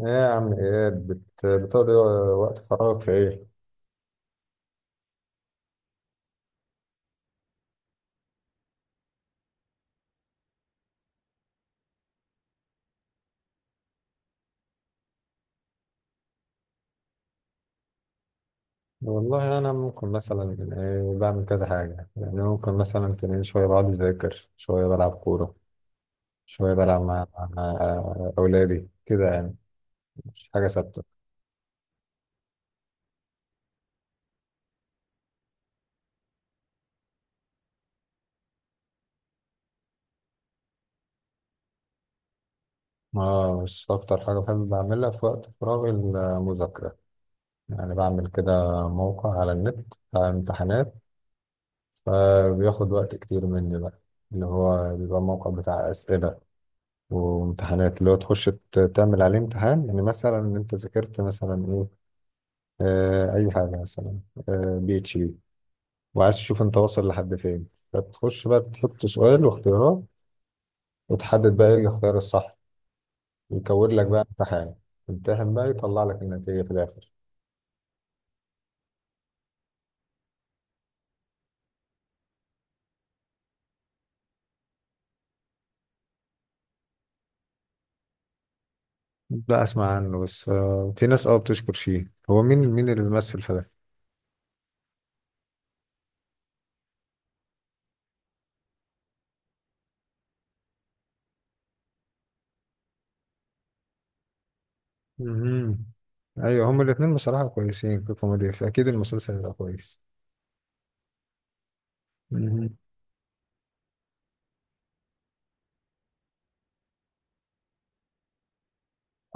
ايه يا عم اياد بتقضي وقت فراغك في ايه؟ والله انا ممكن مثلا إيه، بعمل كذا حاجة، يعني ممكن مثلا تلاقيني شوية بقعد اذاكر، شوية بلعب كورة، شوية بلعب مع اولادي كده يعني. مش حاجة ثابتة. اه، بس اكتر حاجة بحب بعملها في وقت فراغي المذاكرة. يعني بعمل كده موقع على النت بتاع امتحانات، فبياخد وقت كتير مني بقى. اللي هو بيبقى موقع بتاع أسئلة وامتحانات، اللي هو تخش تعمل عليه امتحان، يعني مثلا انت ذاكرت مثلا ايه، اي حاجه مثلا، بي اتش بي، وعايز تشوف انت واصل لحد فين، فتخش بقى تحط سؤال واختيارات، وتحدد بقى ايه الاختيار الصح، يكون لك بقى امتحان، امتحن بقى يطلع لك النتيجه في الاخر. لا، اسمع عنه بس، في ناس اه بتشكر فيه. هو مين مين اللي بيمثل في ده؟ مهم. ايوه، هما الاثنين بصراحه كويسين في الكوميديا، فاكيد المسلسل هيبقى كويس.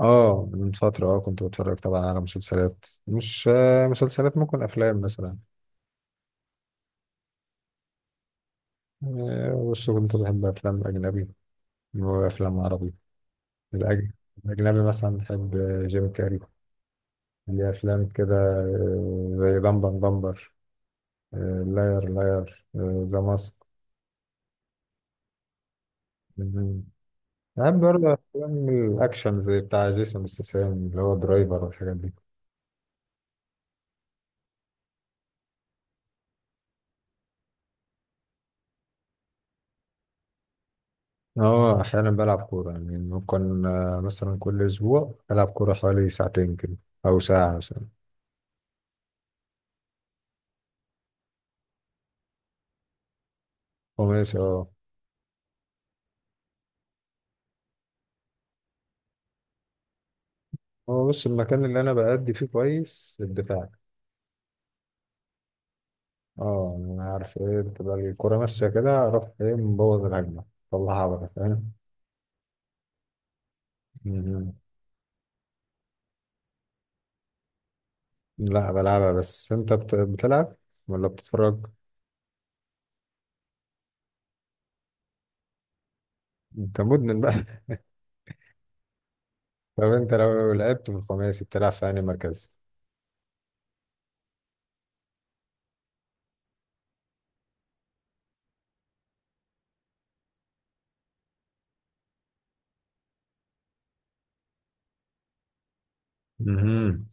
اه، من فترة اه كنت بتفرج طبعا على مسلسلات، مش مسلسلات، ممكن أفلام مثلا، بس كنت بحب أفلام أجنبي وأفلام عربي. الأج- الأجنبي مثلا بحب جيم كاري، ليه أفلام كده زي بامبر بامبر، لاير لاير، ذا ماسك. بحب برضه أفلام الأكشن زي بتاع جيسون ستاثام اللي هو درايفر والحاجات دي. اه، احيانا بلعب كوره يعني، ممكن مثلا كل اسبوع العب كوره حوالي ساعتين كده، او ساعه مثلا. وماشي اه. هو بص، المكان اللي انا بأدي فيه كويس الدفاع. اه يعني، انا عارف ايه، بتبقى الكوره ماشيه كده اروح ايه مبوظ الهجمه، طلعها بره فاهم. مهم. لا بلعبها بس، انت بتلعب ولا بتتفرج؟ انت مدمن بقى طب انت لو لعبت في الخماسي بتلعب في انهي مركز؟ مهم.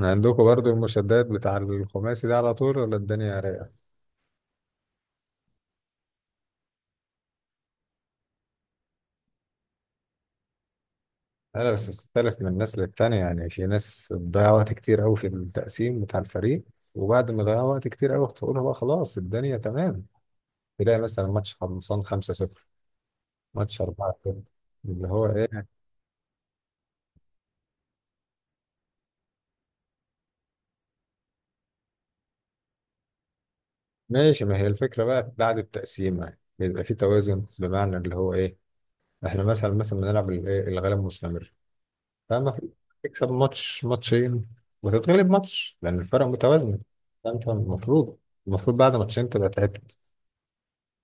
عندكم برضو المشدات بتاع الخماسي ده على طول ولا الدنيا رايقة؟ لا، بس بتختلف من الناس للتانية. يعني في ناس بتضيع وقت كتير قوي في التقسيم بتاع الفريق، وبعد ما ضيع وقت كتير قوي تقولها بقى خلاص الدنيا تمام، تلاقي مثلا ماتش خلصان 5-0، ماتش 4-0، اللي هو ايه. ماشي، ما هي الفكرة بقى بعد التقسيم، يعني بيبقى في توازن، بمعنى اللي هو ايه، احنا مثلا بنلعب إيه؟ الغلب مستمر، فما في- تكسب ماتش ماتشين وتتغلب ماتش، لأن الفرق متوازنة، فأنت المفروض، المفروض بعد ماتشين تبقى تعبت،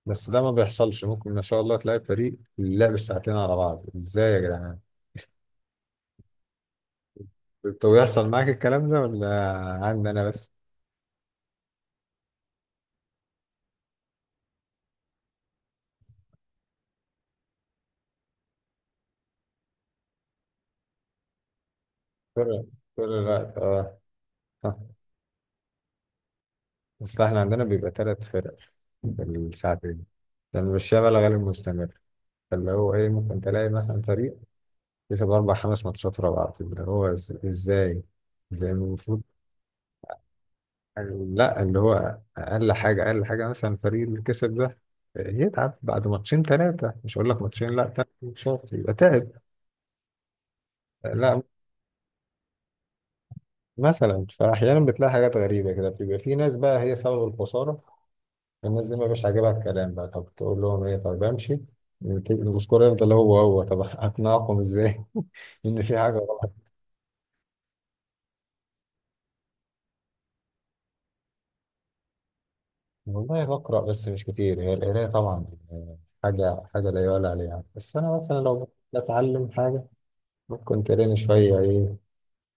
بس ده ما بيحصلش. ممكن ما شاء الله تلاقي فريق لعب ساعتين على بعض، ازاي يا جدعان؟ طب بيحصل معاك الكلام ده، ولا عندي انا بس؟ كل كل الوقت اه. صح. بس احنا عندنا بيبقى ثلاث فرق في الساعتين، لأن الشغل غالبا مستمر، فاللي هو إيه، ممكن تلاقي مثلا فريق كسب أربع خمس ماتشات ورا بعض، اللي هو إزاي؟ زي المفروض، لا، اللي هو اقل حاجه، اقل حاجه مثلا الفريق اللي كسب ده يتعب بعد ماتشين ثلاثه، مش هقول لك ماتشين، لا، ثلاث ماتشات يبقى تعب. لا، مثلا فاحيانا بتلاقي حاجات غريبه كده، بيبقى في ناس بقى هي سبب الخساره، الناس دي ما بيبقاش عاجبها الكلام بقى، طب تقول لهم ايه؟ طب امشي، السكور يفضل هو هو، طب اقنعكم ازاي ان في حاجه غلط؟ والله بقرا بس مش كتير. هي القرايه طبعا حاجه، حاجه لا يعلى عليها، بس انا مثلا لو بتعلم حاجه كنت قاري شوية إيه،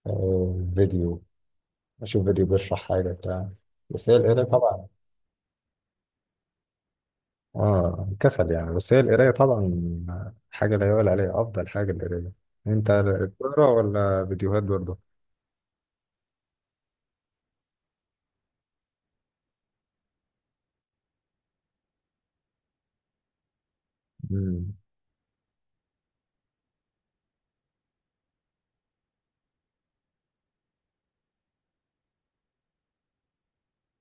فيديو، أشوف فيديو بيشرح حاجة بتاع. بس هي القراية طبعا، كسل يعني، بس هي القراية طبعا حاجة لا يعلى عليها، أفضل حاجة القراية. أنت بتقرا ولا فيديوهات برضه؟ مم.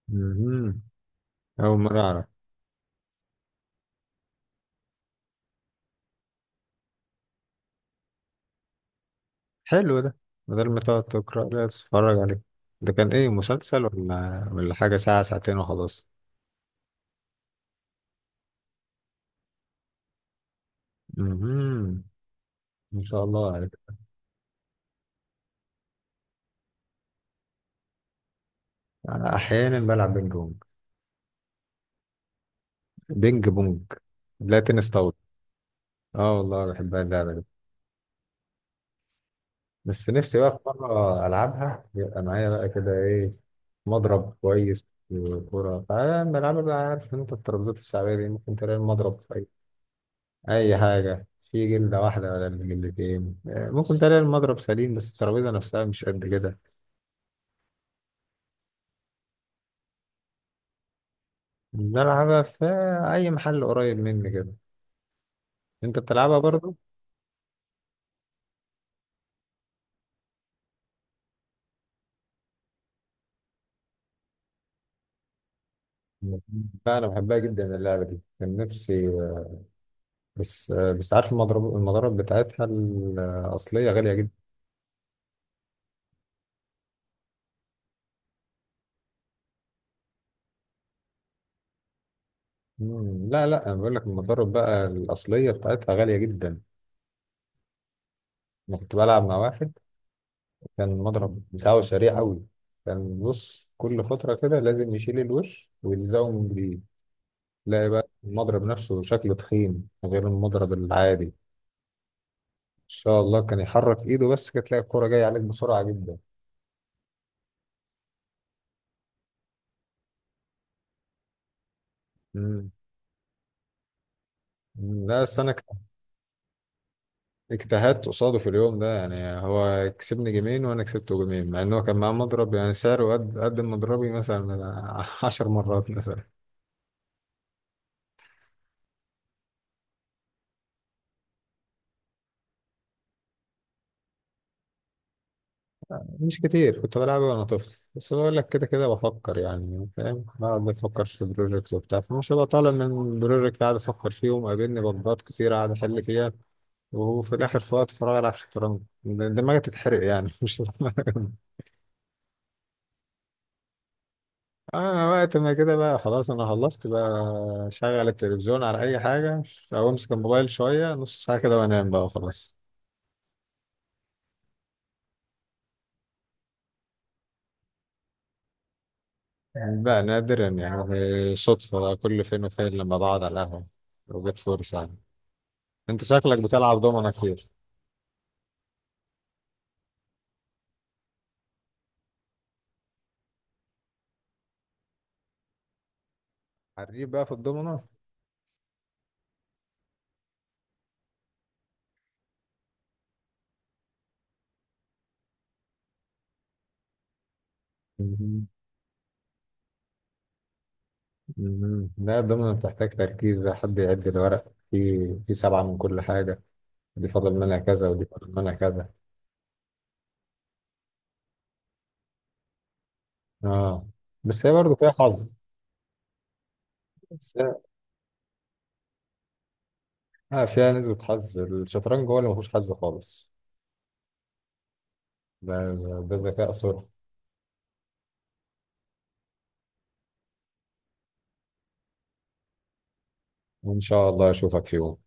مهم. أول مرة أعرف. حلو ده، بدل ما تقعد تقرا لا تتفرج عليه. ده كان إيه، مسلسل ولا حاجة ساعة ساعتين وخلاص؟ مهم. إن شاء الله عليك. أنا أحيانا بلعب بينج بونج. بينج بونج، لا، تنس طاولة. اه والله بحبها اللعبة دي. بس نفسي بقى في مرة ألعبها يبقى معايا بقى كده إيه، مضرب كويس وكورة، فأنا بلعبها بقى، عارف أنت الترابيزات الشعبية دي، ممكن تلاقي المضرب في أي، أي حاجة في جلدة واحدة ولا جلدتين، ممكن تلاقي المضرب سليم بس الترابيزة نفسها مش قد كده. بلعبها في أي محل قريب مني كده. أنت بتلعبها برضه؟ لا، أنا بحبها جدا اللعبة دي، كان نفسي بس عارف المضرب، المضارب بتاعتها الأصلية غالية. مم. لا لا، انا بقول لك المضارب بقى الاصليه بتاعتها غاليه جدا. انا كنت بلعب مع واحد كان المضرب بتاعه سريع قوي، كان بص كل فتره كده لازم يشيل الوش ويلزقه من جديد، تلاقي بقى المضرب نفسه شكله تخين غير المضرب العادي. ان شاء الله كان يحرك ايده بس كانت تلاقي الكوره جايه عليك بسرعه جدا. مم. مم. لا بس انا اجتهدت قصاده في اليوم ده يعني، هو كسبني جيمين وانا كسبته جيمين، مع ان هو كان معاه مضرب يعني سعره قد قد مضربي مثلا 10 مرات مثلا. مش كتير، كنت بلعبه وانا طفل، بس بقول لك كده كده بفكر يعني فاهم، بقعد بفكر في بروجكت وبتاع، فمش هبقى طالع من بروجكت قاعد افكر فيه ومقابلني بجبات كتير قاعد احل فيها، وفي الاخر في وقت فراغ العب شطرنج، دماغي تتحرق يعني مش. اه، وقت ما كده بقى خلاص انا خلصت بقى، شغل التلفزيون على اي حاجه، او امسك الموبايل شويه نص ساعه كده وانام بقى وخلاص. يعني بقى نادرا، يعني صدفه بقى كل فين وفين لما بقعد على القهوه وجت فرصه يعني. انت شكلك بتلعب دومنة كتير، حريف بقى في الضمنة. مهم. مهم. لا، الدومنة بتحتاج تركيز، ده حد يعد الورق، في سبعة من كل حاجة، دي فاضل منها كذا ودي فاضل منها كذا. اه، بس هي برضه فيها حظ. بس هي- اه، فيها نسبة حظ. الشطرنج هو اللي مفهوش حظ خالص، ده ده ذكاء صرف. وإن شاء الله أشوفك في يوم.